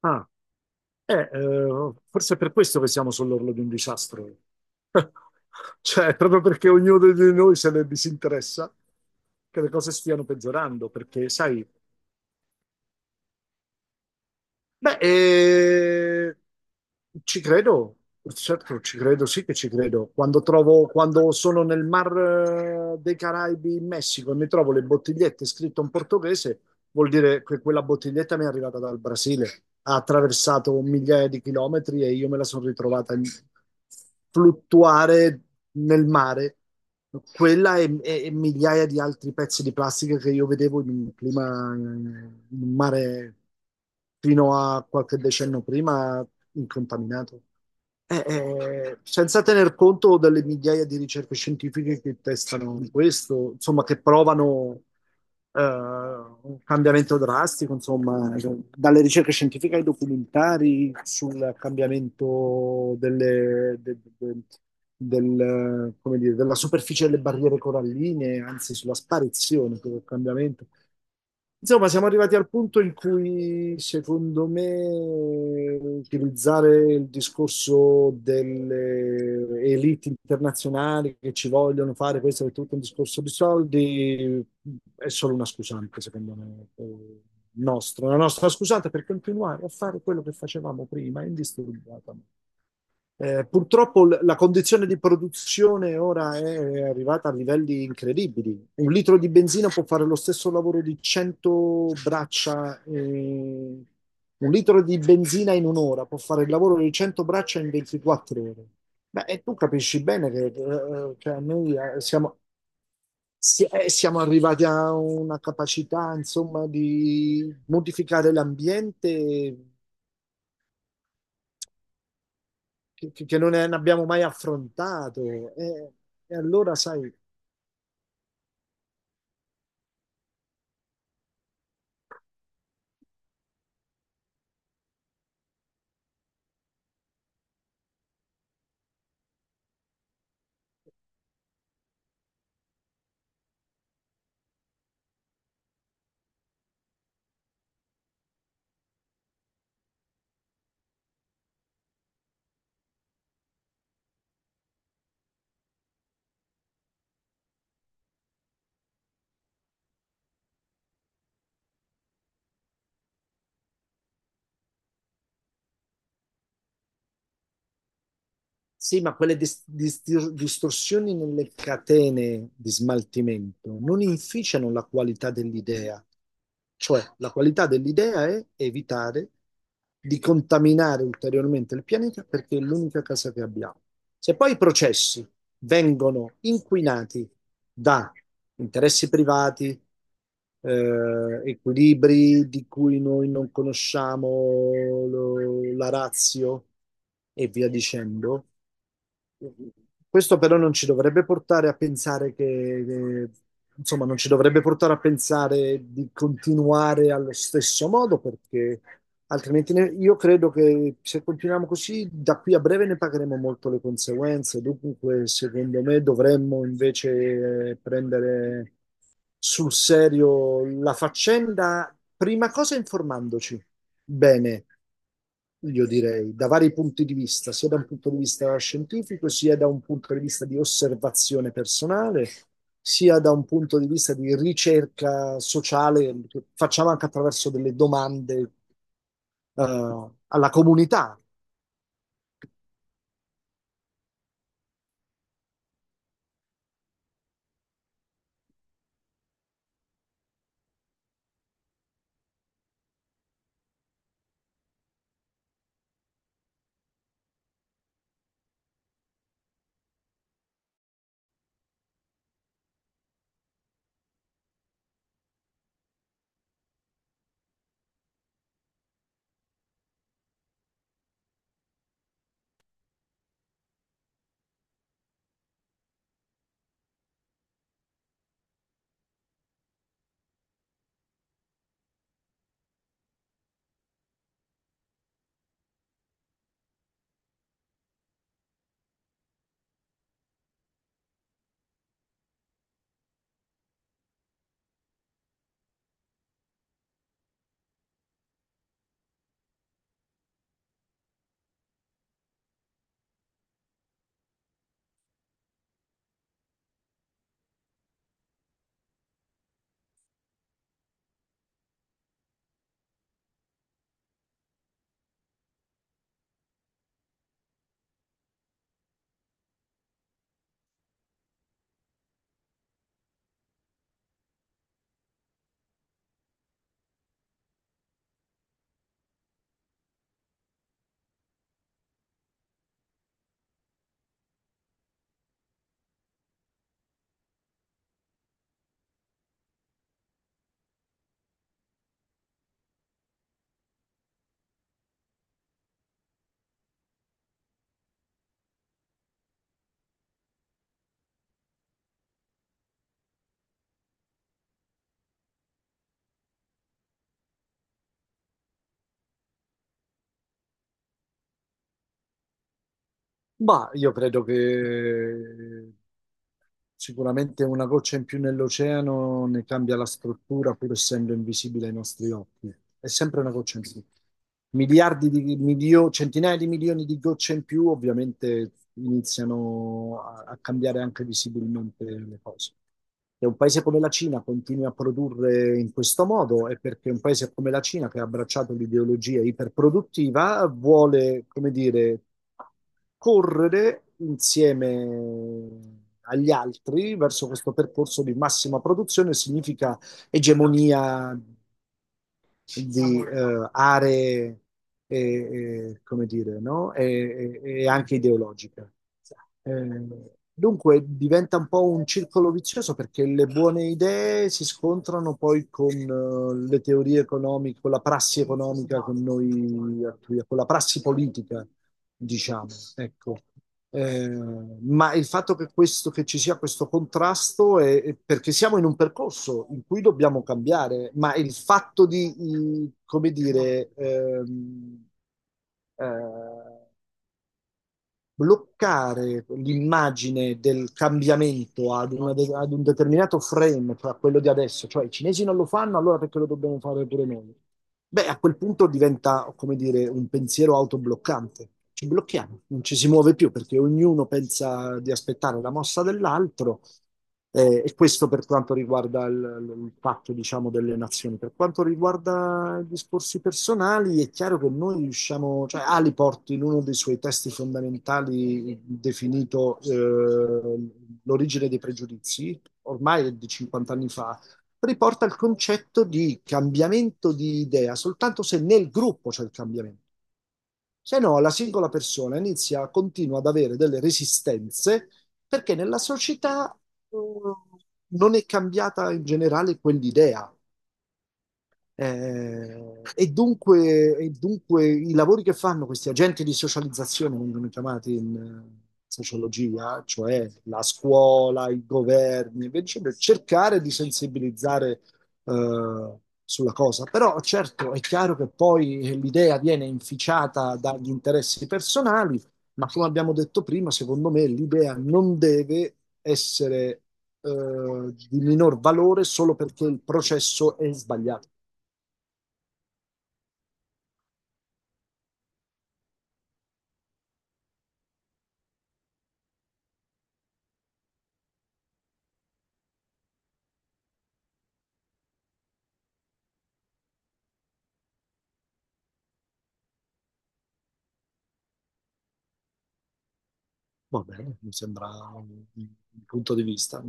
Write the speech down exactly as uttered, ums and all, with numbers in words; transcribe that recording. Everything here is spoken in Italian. Ah, eh, eh, forse è per questo che siamo sull'orlo di un disastro. Cioè, proprio perché ognuno di noi se ne disinteressa, che le cose stiano peggiorando, perché, sai, Beh, eh, ci credo, certo, ci credo, sì che ci credo. Quando trovo, quando sono nel Mar eh, dei Caraibi in Messico e mi trovo le bottigliette scritte in portoghese, vuol dire che quella bottiglietta mi è arrivata dal Brasile, ha attraversato migliaia di chilometri e io me la sono ritrovata in- fluttuare nel mare. Quella e, e- e migliaia di altri pezzi di plastica che io vedevo in un clima, in un mare fino a qualche decennio prima incontaminato. Eh, eh, senza tener conto delle migliaia di ricerche scientifiche che testano questo, insomma, che provano eh, un cambiamento drastico, insomma, dalle ricerche scientifiche ai documentari sul cambiamento delle, de- de- del, come dire, della superficie delle barriere coralline, anzi sulla sparizione, del cambiamento. Insomma, siamo arrivati al punto in cui, secondo me, utilizzare il discorso delle elite internazionali che ci vogliono fare questo è tutto un discorso di soldi, è solo una scusante, secondo me, eh, nostra, una nostra scusante per continuare a fare quello che facevamo prima, indisturbata. Eh, purtroppo l- la condizione di produzione ora è arrivata a livelli incredibili. Un litro di benzina può fare lo stesso lavoro di cento braccia. Eh, un litro di benzina in un'ora può fare il lavoro di cento braccia in ventiquattro ore. Beh, e tu capisci bene che, eh, che a noi eh, siamo, si- eh, siamo arrivati a una capacità, insomma, di modificare l'ambiente che, che- che non ne abbiamo mai affrontato. E, e allora, sai, sì, ma quelle dis- dis- distorsioni nelle catene di smaltimento non inficiano la qualità dell'idea. Cioè, la qualità dell'idea è evitare di contaminare ulteriormente il pianeta perché è l'unica casa che abbiamo. Se poi i processi vengono inquinati da interessi privati, eh, equilibri di cui noi non conosciamo lo- la ratio e via dicendo, questo però non ci dovrebbe portare a pensare che, che- insomma, non ci dovrebbe portare a pensare di continuare allo stesso modo, perché altrimenti ne- io credo che se continuiamo così, da qui a breve ne pagheremo molto le conseguenze. Dunque, secondo me, dovremmo invece eh, prendere sul serio la faccenda, prima cosa informandoci bene io direi, da vari punti di vista, sia da un punto di vista scientifico, sia da un punto di vista di osservazione personale, sia da un punto di vista di ricerca sociale, che facciamo anche attraverso delle domande, eh, alla comunità. Ma io credo che sicuramente una goccia in più nell'oceano ne cambia la struttura, pur essendo invisibile ai nostri occhi. È sempre una goccia in più. Miliardi di milio- centinaia di milioni di gocce in più, ovviamente iniziano a, a cambiare anche visibilmente le cose. E un paese come la Cina continua a produrre in questo modo è perché un paese come la Cina, che ha abbracciato l'ideologia iperproduttiva, vuole, come dire, correre insieme agli altri verso questo percorso di massima produzione significa egemonia di eh, aree, e, e, come dire, no? e, e e anche ideologica. Eh, dunque diventa un po' un circolo vizioso perché le buone idee si scontrano poi con eh, le teorie economiche, con la prassi economica con noi, con la prassi politica diciamo, ecco. Eh, ma il fatto che, questo, che ci sia questo contrasto è, è perché siamo in un percorso in cui dobbiamo cambiare, ma il fatto di, eh, come dire, ehm, eh, bloccare l'immagine del cambiamento ad, una de- ad un determinato frame, cioè a quello di adesso, cioè i cinesi non lo fanno, allora perché lo dobbiamo fare pure noi? Beh, a quel punto diventa, come dire, un pensiero autobloccante. Ci blocchiamo, non ci si muove più perché ognuno pensa di aspettare la mossa dell'altro eh, e questo per quanto riguarda il, il patto, diciamo, delle nazioni. Per quanto riguarda i discorsi personali, è chiaro che noi riusciamo, cioè Aliport in uno dei suoi testi fondamentali definito eh, L'origine dei pregiudizi, ormai è di cinquanta anni fa, riporta il concetto di cambiamento di idea soltanto se nel gruppo c'è il cambiamento. Se no, la singola persona inizia, continua ad avere delle resistenze perché nella società eh, non è cambiata in generale quell'idea. Eh, e dunque, e dunque i lavori che fanno questi agenti di socializzazione vengono chiamati in eh, sociologia, cioè la scuola, i governi, invece per cercare di sensibilizzare eh, sulla cosa. Però certo è chiaro che poi l'idea viene inficiata dagli interessi personali, ma come abbiamo detto prima, secondo me l'idea non deve essere eh, di minor valore solo perché il processo è sbagliato. Va bene, mi sembra un un punto di vista.